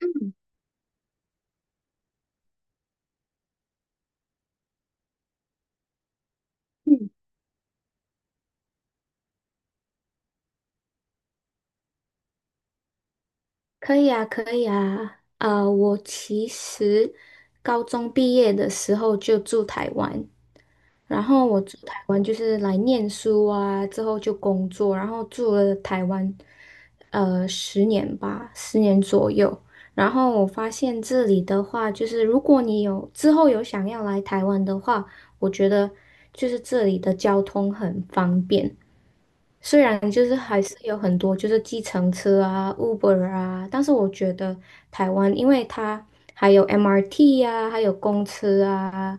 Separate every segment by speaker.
Speaker 1: 嗯嗯，可以啊，可以啊。我其实高中毕业的时候就住台湾，然后我住台湾就是来念书啊，之后就工作，然后住了台湾十年吧，十年左右。然后我发现这里的话，就是如果你有之后有想要来台湾的话，我觉得就是这里的交通很方便。虽然就是还是有很多就是计程车啊、Uber 啊，但是我觉得台湾，因为它还有 MRT 啊，还有公车啊，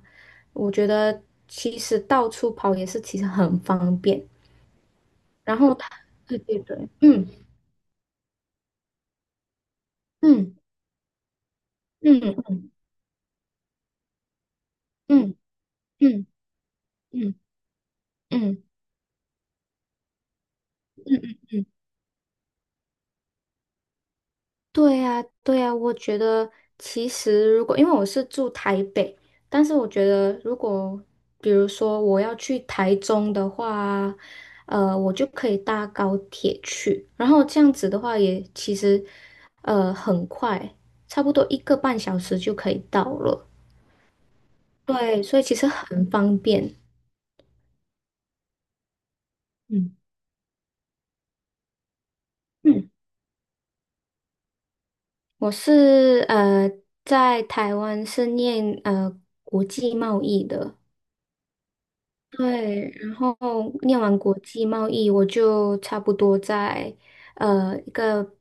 Speaker 1: 我觉得其实到处跑也是其实很方便。然后它，对对对，嗯嗯嗯嗯嗯嗯嗯嗯对呀，对呀，我觉得其实如果因为我是住台北，但是我觉得如果比如说我要去台中的话，我就可以搭高铁去，然后这样子的话也其实很快，差不多一个半小时就可以到了。对，所以其实很方便。嗯，嗯，我是在台湾是念国际贸易的。对，然后念完国际贸易，我就差不多在一个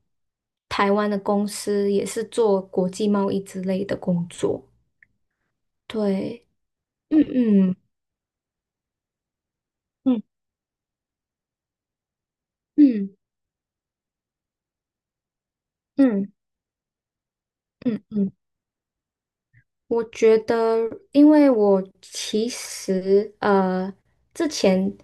Speaker 1: 台湾的公司，也是做国际贸易之类的工作。对，嗯嗯嗯嗯嗯嗯嗯。嗯我觉得，因为我其实之前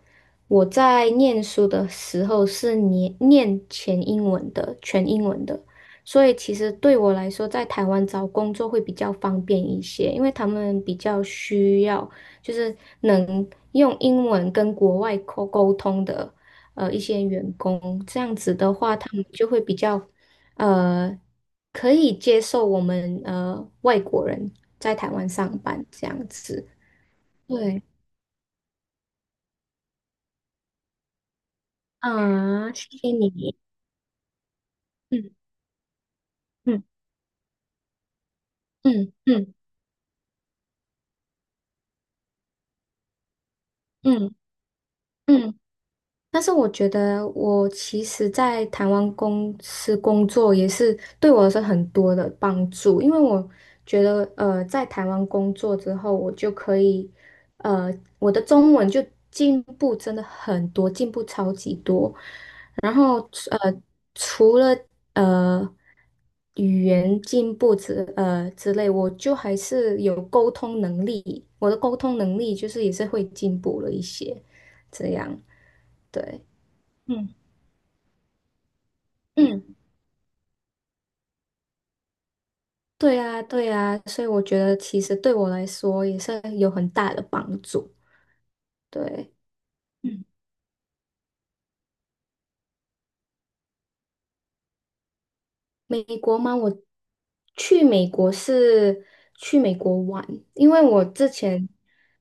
Speaker 1: 我在念书的时候是念全英文的，全英文的，所以其实对我来说，在台湾找工作会比较方便一些，因为他们比较需要就是能用英文跟国外沟通的一些员工，这样子的话，他们就会比较。呃，可以接受我们外国人在台湾上班这样子。对，啊，谢谢你。嗯嗯嗯嗯嗯嗯。嗯但是我觉得，我其实在台湾公司工作也是对我是很多的帮助，因为我觉得，在台湾工作之后，我就可以，呃，我的中文就进步真的很多，进步超级多。然后，呃，除了呃语言进步之类，我就还是有沟通能力，我的沟通能力就是也是会进步了一些，这样。对。嗯嗯，对啊，对啊，所以我觉得其实对我来说也是有很大的帮助。对，嗯。美国吗？我去美国是去美国玩，因为我之前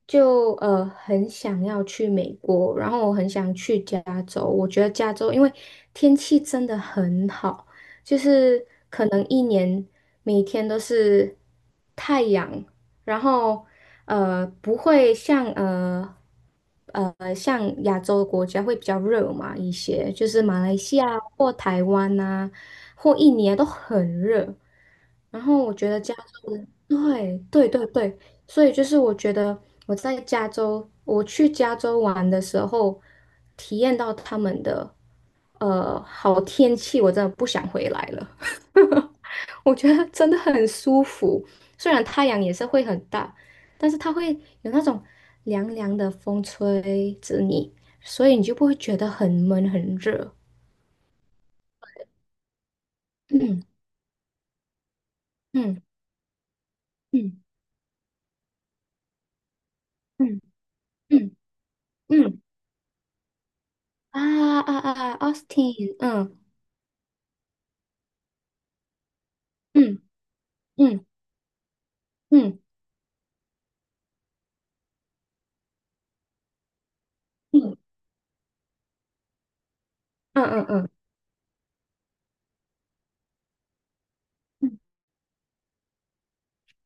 Speaker 1: 就很想要去美国，然后我很想去加州。我觉得加州因为天气真的很好，就是可能一年每天都是太阳，然后不会像。像亚洲国家会比较热嘛，一些就是马来西亚或台湾呐、或一年都很热。然后我觉得加州的对对对对，所以就是我觉得我在加州，我去加州玩的时候，体验到他们的好天气，我真的不想回来了。我觉得真的很舒服，虽然太阳也是会很大，但是它会有那种凉凉的风吹着你，所以你就不会觉得很闷很热。嗯嗯嗯嗯嗯嗯。啊啊啊啊，Austin,嗯嗯嗯嗯嗯嗯嗯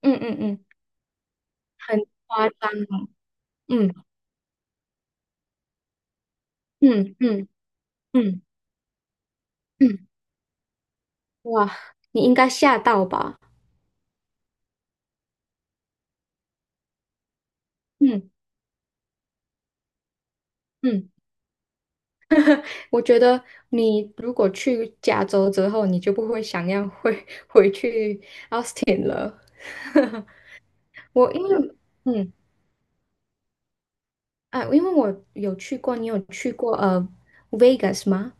Speaker 1: 嗯嗯嗯，很夸张哦，嗯嗯嗯嗯嗯，哇，你应该吓到吧？嗯嗯，我觉得你如果去加州之后，你就不会想要回去 Austin 了。我因为嗯啊，因为我有去过，你有去过Vegas 吗？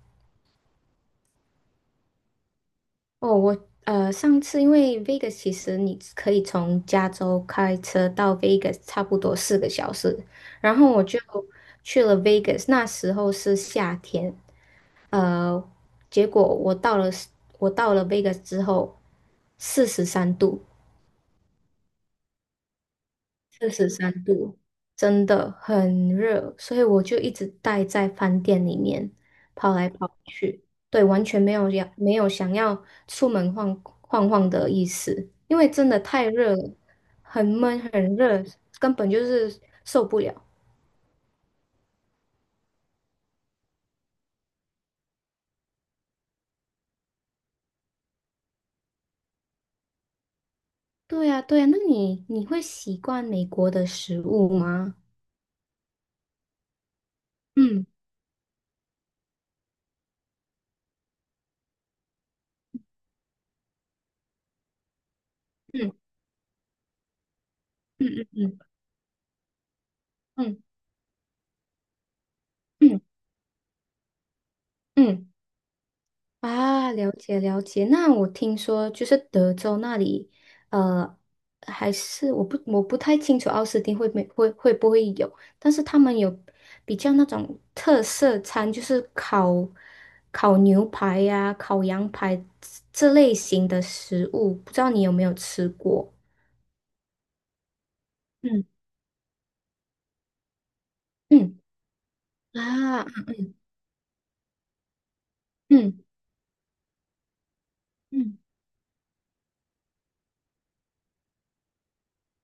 Speaker 1: 哦，我上次因为 Vegas 其实你可以从加州开车到 Vegas 差不多4个小时，然后我就去了 Vegas,那时候是夏天，呃，结果我到了 Vegas 之后，43度，四十三度，真的很热，所以我就一直待在饭店里面，跑来跑去，对，完全没有要没有想要出门晃晃晃的意思，因为真的太热了，很闷很热，根本就是受不了。对呀，对呀，那你会习惯美国的食物吗？嗯嗯嗯嗯嗯嗯嗯嗯。嗯了解了解。那我听说就是德州那里，呃，还是我不太清楚奥斯汀会没会会不会有，但是他们有比较那种特色餐，就是烤牛排呀、烤羊排这类型的食物，不知道你有没有吃过？嗯嗯啊嗯嗯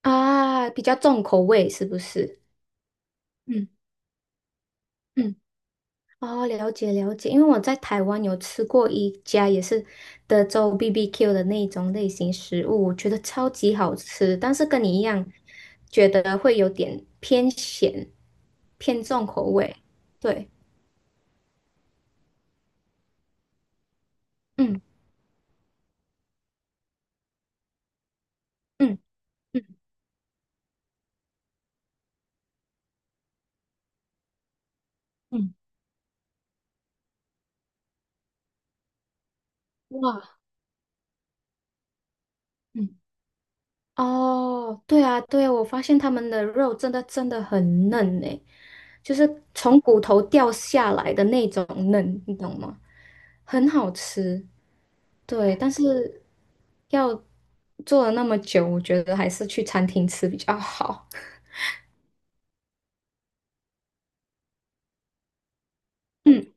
Speaker 1: 比较重口味是不是？嗯。嗯。哦，了解了解，因为我在台湾有吃过一家也是德州 BBQ 的那种类型食物，我觉得超级好吃，但是跟你一样，觉得会有点偏咸，偏重口味。对，嗯嗯嗯嗯，哇，嗯，哦，对啊对啊，我发现他们的肉真的真的很嫩诶，就是从骨头掉下来的那种嫩，你懂吗？很好吃。对，但是要做了那么久，我觉得还是去餐厅吃比较好。嗯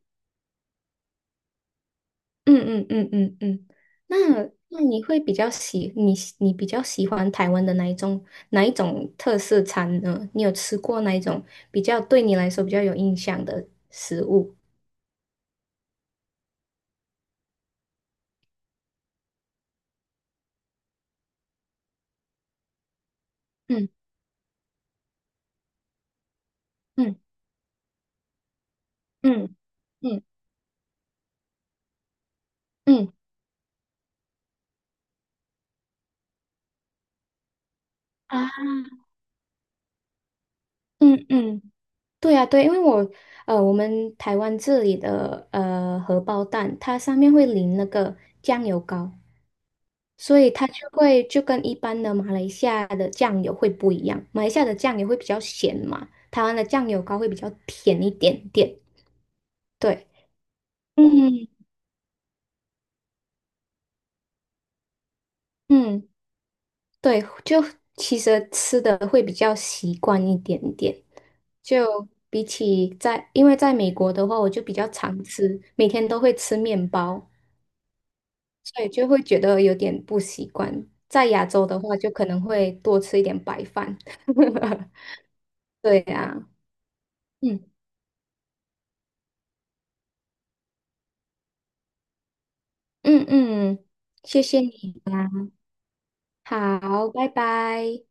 Speaker 1: 嗯嗯嗯嗯嗯。那那你比较喜欢台湾的哪一种特色餐呢？你有吃过哪一种对你来说比较有印象的食物？嗯嗯嗯嗯嗯啊嗯嗯，对啊对，因为我我们台湾这里的荷包蛋，它上面会淋那个酱油膏。所以它就会就跟一般的马来西亚的酱油会不一样，马来西亚的酱油会比较咸嘛，台湾的酱油膏会比较甜一点点。对，嗯嗯，对，就其实吃的会比较习惯一点点，就比起在，因为在美国的话，我就比较常吃，每天都会吃面包，所以就会觉得有点不习惯。在亚洲的话，就可能会多吃一点白饭。对呀、啊嗯。嗯嗯，谢谢你，好，拜拜。